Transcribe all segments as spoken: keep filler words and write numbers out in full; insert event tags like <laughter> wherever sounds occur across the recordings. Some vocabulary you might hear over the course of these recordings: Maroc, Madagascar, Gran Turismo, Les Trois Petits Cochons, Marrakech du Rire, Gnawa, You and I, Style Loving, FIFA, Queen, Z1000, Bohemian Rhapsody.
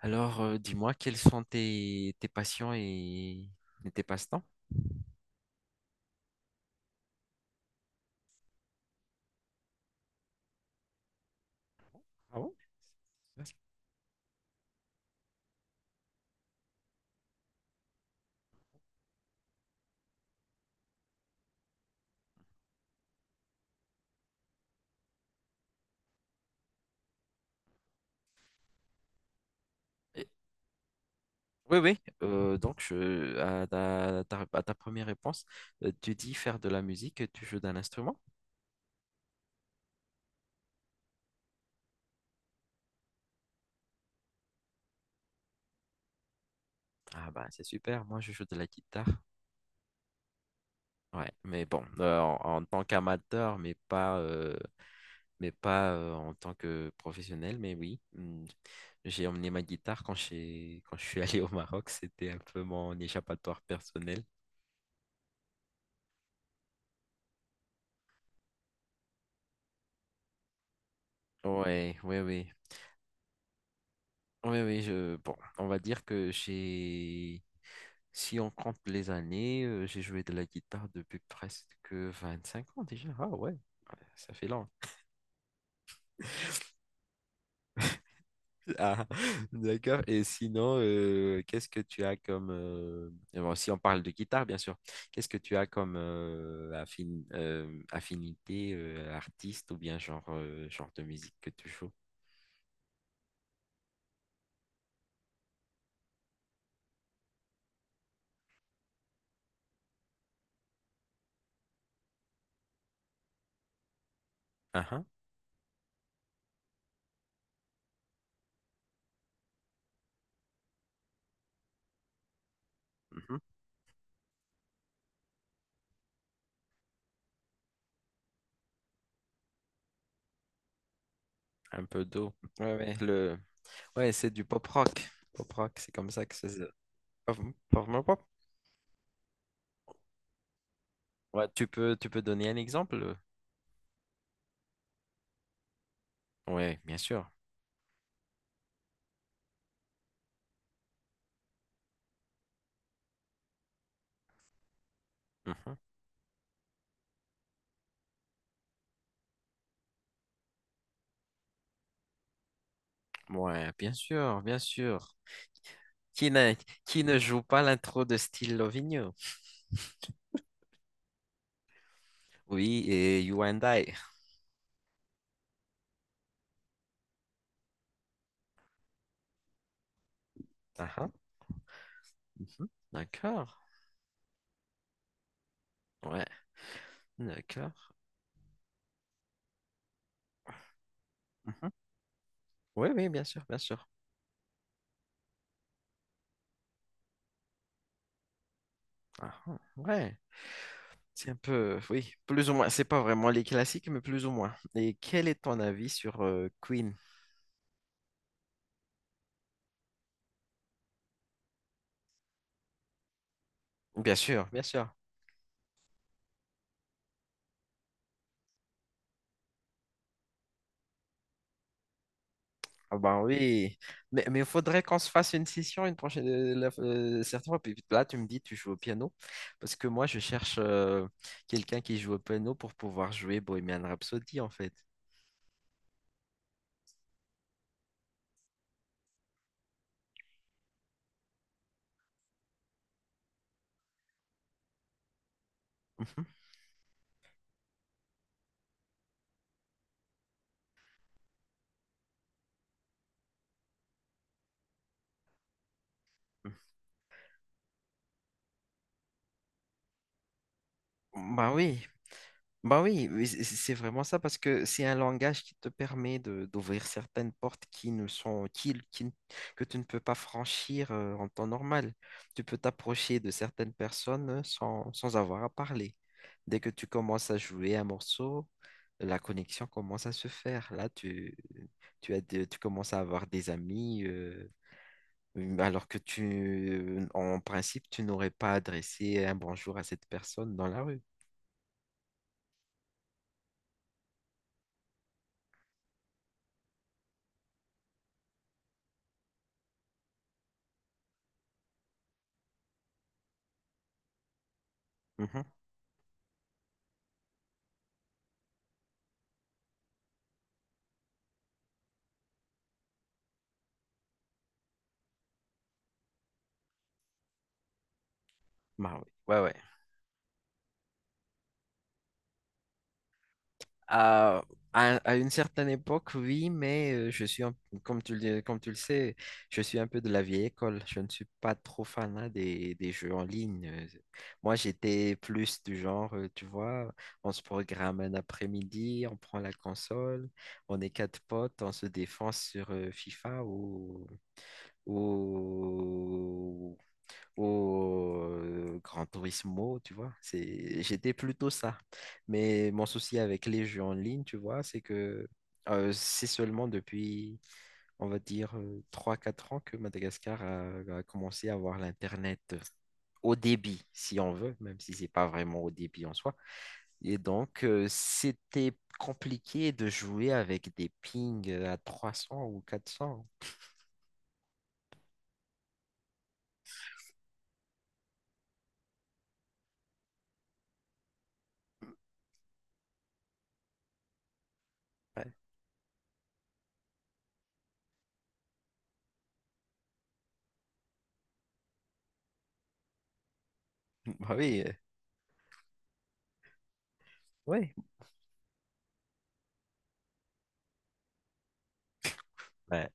Alors, euh, dis-moi, quels sont tes, tes passions et, et tes passe-temps? Ah bon? Et- Oui, oui. Euh, donc, je- à ta, ta- à ta première réponse, euh, tu dis faire de la musique, tu joues d'un instrument? Ah bah, c'est super, moi je joue de la guitare. Ouais, mais bon, euh, en, en tant qu'amateur, mais pas, euh, mais pas euh, en tant que professionnel, mais oui. hmm, J'ai emmené ma guitare quand, j'ai- quand je suis <laughs> allé au Maroc, c'était un peu mon échappatoire personnel. Ouais, oui, oui. Oui, oui, je, bon, on va dire que j'ai, si on compte les années, euh, j'ai joué de la guitare depuis presque vingt-cinq ans déjà. Ah ouais, ouais, ça fait long. <laughs> Ah, d'accord. Et sinon, euh, qu'est-ce que tu as comme, euh, bon, si on parle de guitare, bien sûr, qu'est-ce que tu as comme euh, affin- euh, affinité euh, artiste ou bien genre, euh, genre de musique que tu joues? Ah, ah, mhm. Un peu d'eau. Ouais, ouais, le... ouais, c'est du pop rock. Pop rock, c'est comme ça que ça. se... Parle- Parle-moi pas. Ouais, tu peux, tu peux donner un exemple? Ouais, bien sûr. Mhm. Ouais, bien sûr, bien sûr. Qui ne, qui ne joue pas l'intro de Style Loving. Oui, et You and I. Ah ah, mhm. D'accord. Ouais, d'accord. Mhm. Oui, oui, bien sûr, bien sûr. Ah ah, ouais, c'est un peu, oui, plus ou moins. C'est pas vraiment les classiques, mais plus ou moins. Et quel est ton avis sur euh, Queen? Bien sûr, bien sûr. Ah ben oui, mais mais il faudrait qu'on se fasse une session une prochaine euh, la- euh, certaines fois. Puis là, tu me dis tu joues au piano parce que moi je cherche euh, quelqu'un qui joue au piano pour pouvoir jouer Bohemian Rhapsody en fait. Mhm. Bah oui, bah oui, oui, c- c- c'est vraiment ça parce que c'est un langage qui te permet de d'ouvrir certaines portes qui ne sont qui, qui ne- que tu ne peux pas franchir euh, en temps normal. Tu peux t'approcher de certaines personnes sans, sans avoir à parler. Dès que tu commences à jouer un morceau, la connexion commence à se faire. Là, tu tu as des- tu commences à avoir des amis, euh, alors que tu en principe tu n'aurais pas adressé un bonjour à cette personne dans la rue. Mhm. Bah oui. Ouais, ouais. À, à- à une certaine époque, oui, mais euh, je suis, un- comme tu le, comme tu le sais, je suis un peu de la vieille école. Je ne suis pas trop fanat des, des jeux en ligne. Euh, Moi, j'étais plus du genre, euh, tu vois, on se programme un après-midi, on prend la console, on est quatre potes, on se défonce sur euh, FIFA ou, ou au euh, Gran Turismo, tu vois. C'est, j'étais plutôt ça. Mais mon souci avec les jeux en ligne, tu vois, c'est que euh, c'est seulement depuis, on va dire, euh, trois quatre ans que Madagascar a, a commencé à avoir l'Internet euh, au débit, si on veut, même si c'est pas vraiment au débit en soi. Et donc, euh, c'était compliqué de jouer avec des pings euh, à trois cents ou quatre cents. Ouais. <laughs> Bah oui, euh, ouais. Ouais.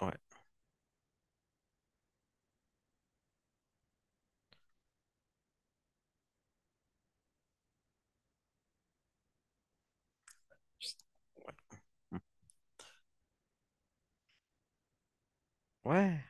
Ouais. Ouais. Ouais.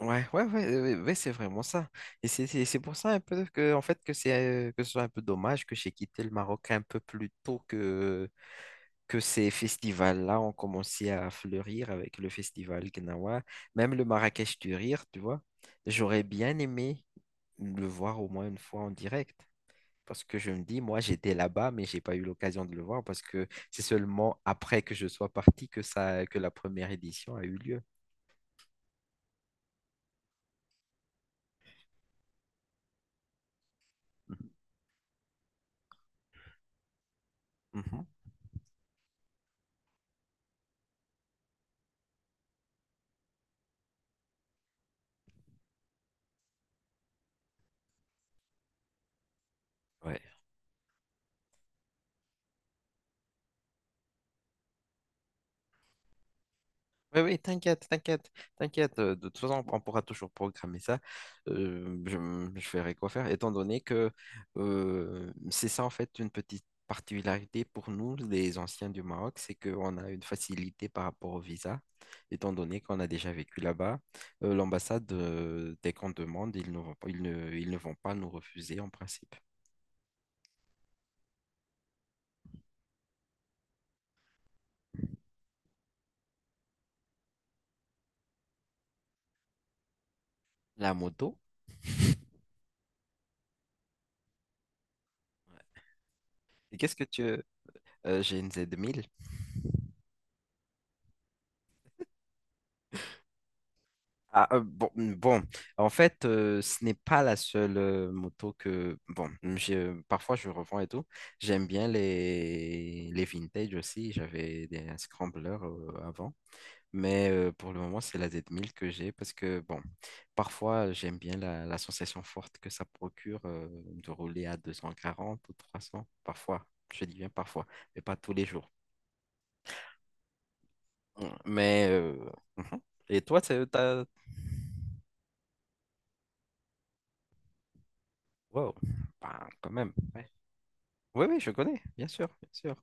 Ouais, ouais, ouais, euh, ouais, ouais, c'est vraiment ça. Et c'est c'est- c'est pour ça un peu que, en fait, que c'est euh, que ce soit un peu dommage que j'ai quitté le Maroc un peu plus tôt que, que ces festivals-là ont commencé à fleurir avec le festival Gnawa, même le Marrakech du Rire, tu vois. J'aurais bien aimé le voir au moins une fois en direct. Parce que je me dis, moi, j'étais là-bas, mais j'ai pas eu l'occasion de le voir parce que c'est seulement après que je sois parti que ça, que la première édition a eu lieu. Mhm. Mhm. Ouais. Oui, oui, t'inquiète, t'inquiète, t'inquiète. euh, De toute façon, on pourra toujours programmer ça. Euh, je, m- je verrai quoi faire, étant donné que euh, c'est ça, en fait, une petite particularité pour nous, les anciens du Maroc, c'est qu'on a une facilité par rapport au visa, étant donné qu'on a déjà vécu là-bas. Euh, l'ambassade, euh, dès qu'on demande, ils ne vont pas, ils ne, ils ne vont pas nous refuser en principe. La moto, et qu'est-ce que tu... euh, J'ai une z mille. Ah, euh, bon, mm, bon, En fait, euh, ce n'est pas la seule euh, moto que... Bon, j'ai- parfois je revends et tout. J'aime bien les, les vintage aussi. J'avais des scramblers euh, avant. Mais euh, pour le moment, c'est la z mille que j'ai parce que, bon, parfois j'aime bien la, la sensation forte que ça procure euh, de rouler à deux cent quarante ou trois cents. Parfois, je dis bien parfois, mais pas tous les jours. Mm, Mais... euh, mhm. Et toi, c'est... t'as- Wow, ben quand même. Oui, oui, je connais, bien sûr, bien sûr.